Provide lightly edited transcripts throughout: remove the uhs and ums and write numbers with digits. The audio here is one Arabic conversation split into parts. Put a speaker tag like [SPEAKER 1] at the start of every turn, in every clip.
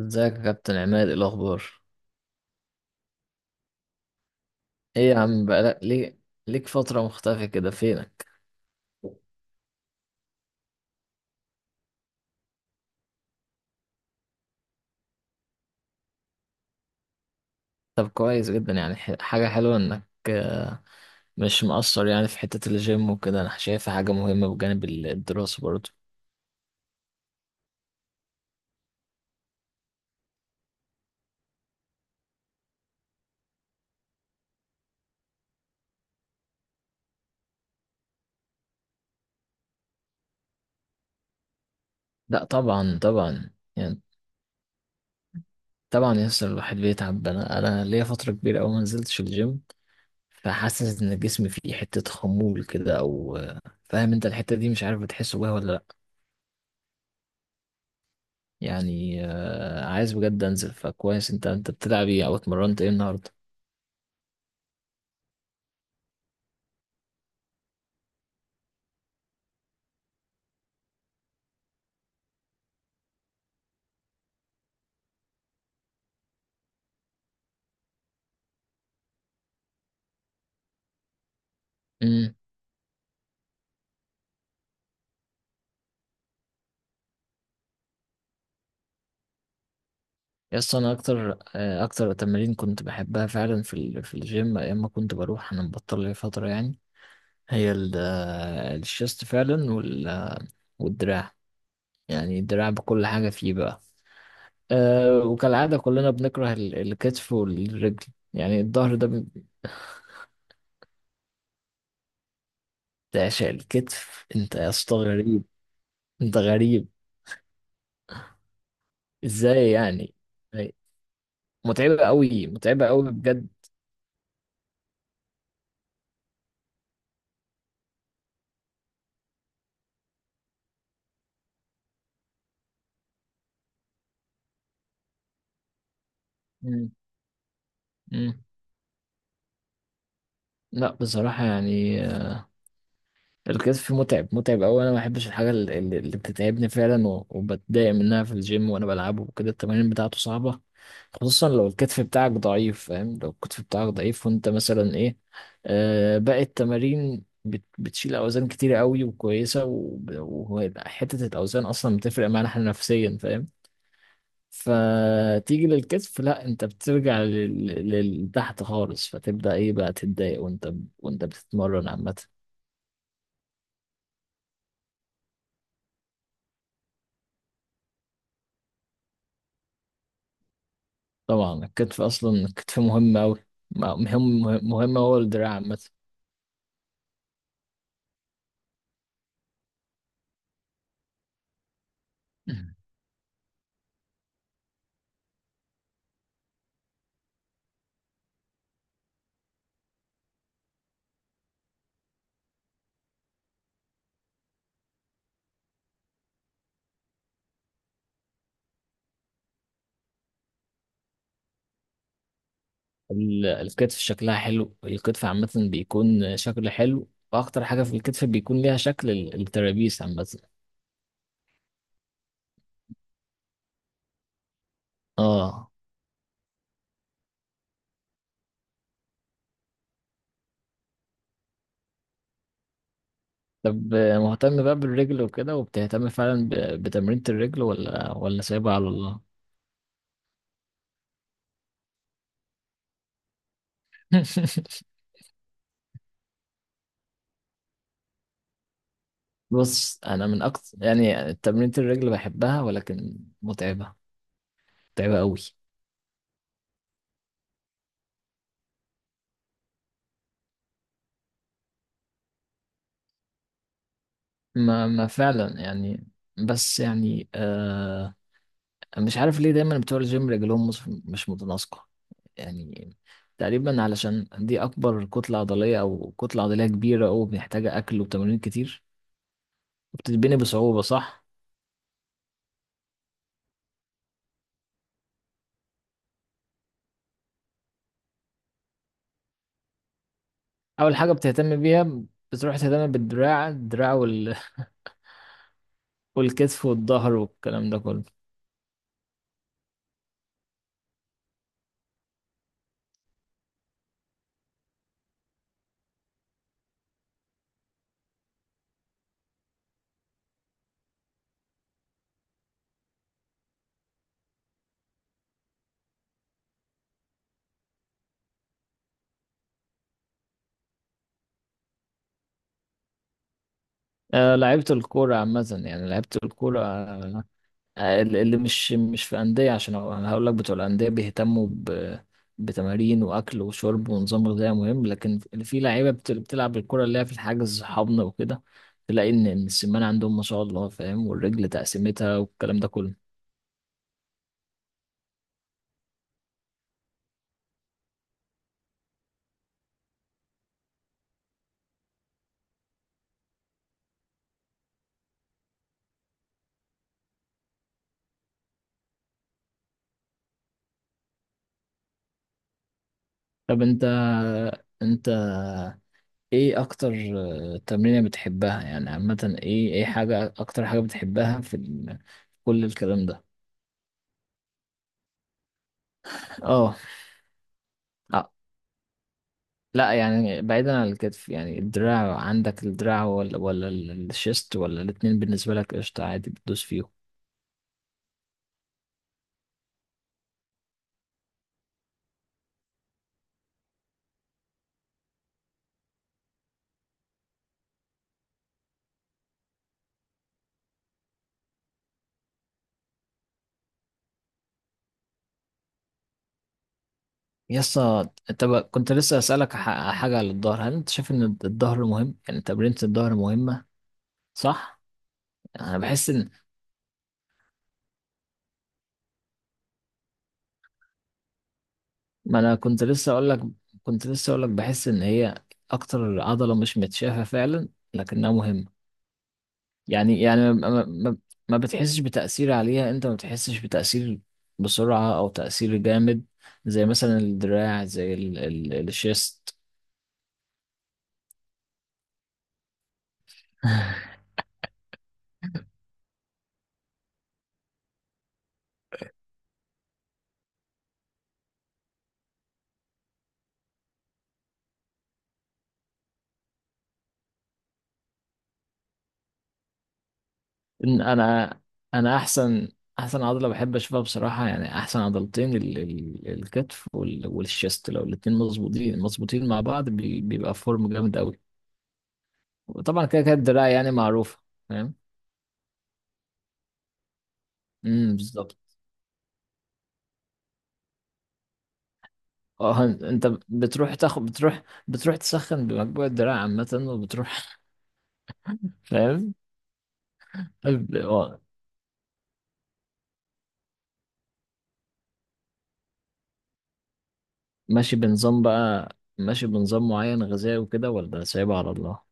[SPEAKER 1] ازيك يا كابتن عماد؟ ايه الاخبار؟ ايه يا عم؟ بقالك ليه ليك فترة مختفي كده؟ فينك؟ طب كويس جدا، يعني حاجة حلوة انك مش مقصر يعني في حتة الجيم وكده. انا شايفها حاجة مهمة بجانب الدراسة برضه. لا طبعا طبعا، يعني طبعا يسر الواحد بيتعب. انا ليا فترة كبيرة اوي ما نزلتش الجيم. فحاسس ان جسمي فيه حتة خمول كده او فاهم انت الحتة دي؟ مش عارف، بتحس بيها ولا لا؟ يعني عايز بجد انزل. فكويس، انت بتلعب ايه او اتمرنت ايه النهاردة؟ امم. يس، انا اكتر تمارين كنت بحبها فعلا في الجيم ايام ما كنت بروح. انا مبطل لي فتره يعني. هي الشيست فعلا والدراع. يعني الدراع بكل حاجه فيه بقى. أه، وكالعاده كلنا بنكره الكتف والرجل. يعني الظهر ده تعشق الكتف انت يا اسطى؟ غريب. انت غريب. ازاي يعني؟ أي. متعبه قوي، متعبه قوي بجد. مم. مم. لا، بصراحه يعني، الكتف متعب، متعب أوي. أنا ما بحبش الحاجة اللي بتتعبني فعلا وبتضايق منها في الجيم وأنا بلعبه وكده، التمارين بتاعته صعبة. خصوصا لو الكتف بتاعك ضعيف، فاهم؟ لو الكتف بتاعك ضعيف وأنت مثلا إيه. باقي التمارين بتشيل أوزان كتيرة أوي وكويسة، وحتة الأوزان أصلا بتفرق معانا إحنا نفسيا، فاهم؟ فتيجي للكتف، لا، انت بترجع لتحت خالص، فتبدأ ايه بقى تتضايق. وانت بتتمرن عامة. طبعا الكتف اصلا الكتف مهم اوي. مهم، مهم هو الدراع عامه. الكتف شكلها حلو، الكتف عامه بيكون شكل حلو، واكتر حاجه في الكتف بيكون ليها شكل الترابيس عامه. اه. طب مهتم بقى بالرجل وكده، وبتهتم فعلا بتمرينة الرجل ولا سايبها على الله؟ بص، انا من اكتر يعني تمرينة الرجل بحبها، ولكن متعبة. متعبة قوي. ما فعلا يعني. بس يعني مش عارف ليه دايما بتوع الجيم رجلهم مش متناسقة. يعني، تقريبا علشان دي أكبر كتلة عضلية، أو كتلة عضلية كبيرة، أو محتاجة أكل وتمارين كتير. وبتتبني بصعوبة، صح؟ أول حاجة بتهتم بيها بتروح تهتم بالدراع والكتف والظهر والكلام ده كله. أه، لعبت الكورة عامة يعني، لعبت الكورة. اللي مش في أندية، عشان أنا هقول لك بتوع الأندية بيهتموا بتمارين وأكل وشرب ونظام غذائي مهم، لكن اللي في لعيبة بتلعب الكرة اللي هي في الحجز حضن وكده، تلاقي إن السمان عندهم ما شاء الله، فاهم؟ والرجل تقسيمتها والكلام ده كله. طب، أنت إيه أكتر تمرينة بتحبها يعني عامة؟ إيه حاجة، أكتر حاجة بتحبها في كل الكلام ده؟ آه. لا، يعني بعيدا عن الكتف، يعني الدراع عندك، الدراع ولا الشيست، ولا الاتنين بالنسبة لك قشطة عادي بتدوس فيهم؟ يسا، كنت لسه أسألك حاجة على الظهر. هل انت شايف ان الظهر مهم؟ يعني تمرينة الظهر مهمة. صح. انا بحس ان، ما انا كنت لسه اقول لك بحس ان هي اكتر عضلة مش متشافة فعلا، لكنها مهمة. يعني ما، ما بتحسش بتأثير عليها، انت ما بتحسش بتأثير بسرعة او تأثير جامد. زي مثلا الدراع، زي ال ال الشيست. إن انا احسن عضلة بحب اشوفها بصراحة. يعني احسن عضلتين ال ال الكتف والشيست، لو الاتنين مظبوطين، مظبوطين مع بعض بيبقى فورم جامد قوي. وطبعا كده كده الدراع يعني معروفة، فاهم؟ امم، بالظبط. اه، انت بتروح تاخد، بتروح تسخن بمجموع الدراع عامة وبتروح، فاهم؟ طب، ماشي بنظام بقى، ماشي بنظام معين غذائي وكده، ولا سايبها على الله؟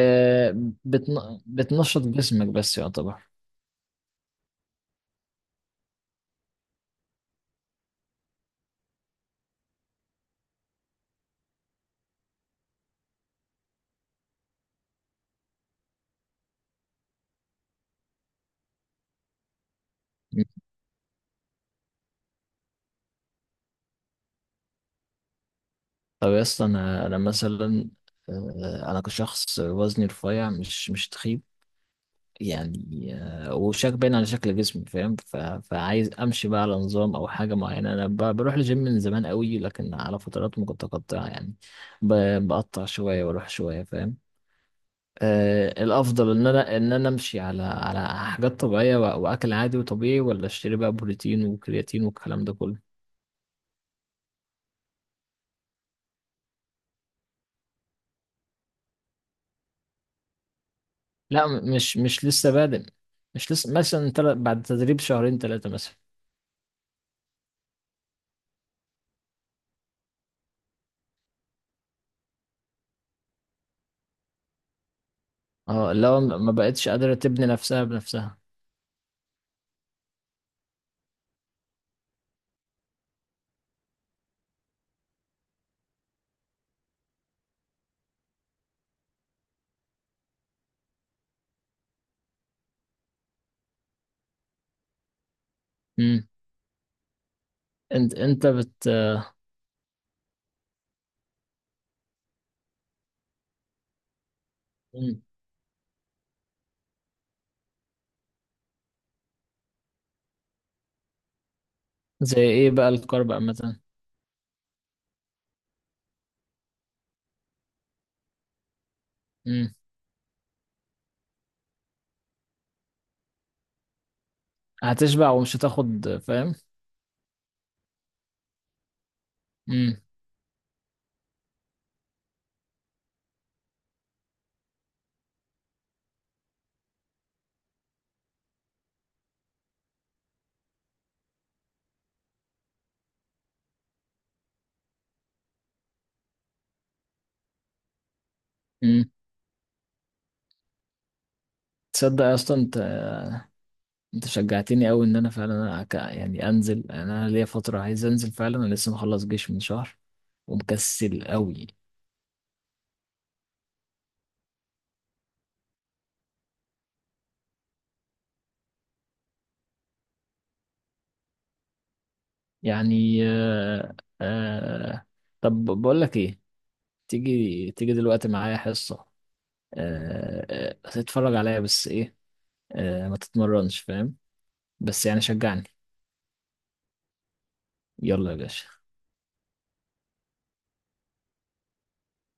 [SPEAKER 1] آه. بتنشط جسمك بس، يعتبر. مم. طب يا اسطى، انا مثلا انا كشخص، وزني رفيع مش تخيب. يعني وشك باين على شكل جسمي، فاهم؟ فعايز امشي بقى على نظام او حاجه معينه. انا بروح الجيم من زمان قوي، لكن على فترات متقطعه يعني. ب... بقطع شويه واروح شويه، فاهم؟ الافضل ان انا امشي على حاجات طبيعيه، واكل عادي وطبيعي، ولا اشتري بقى بروتين وكرياتين والكلام ده كله؟ لا، مش لسه بادئ. مش لسه، مثلا بعد تدريب شهرين ثلاثه مثلا. اه، لو ما بقتش قادره تبني نفسها بنفسها. امم. انت بت آه، مم. زي ايه بقى الكارب عامه؟ امم. هتشبع ومش هتاخد، فاهم؟ امم. امم. تصدق اصلا، انت شجعتني قوي ان انا فعلا يعني انزل. يعني انا ليا فتره عايز انزل فعلا. انا لسه مخلص جيش من شهر، ومكسل قوي. يعني طب، بقول لك ايه؟ تيجي تيجي دلوقتي معايا حصه؟ آه... تتفرج عليا، بس ايه، ما تتمرنش، فاهم؟ بس يعني شجعني. يلا يا باشا!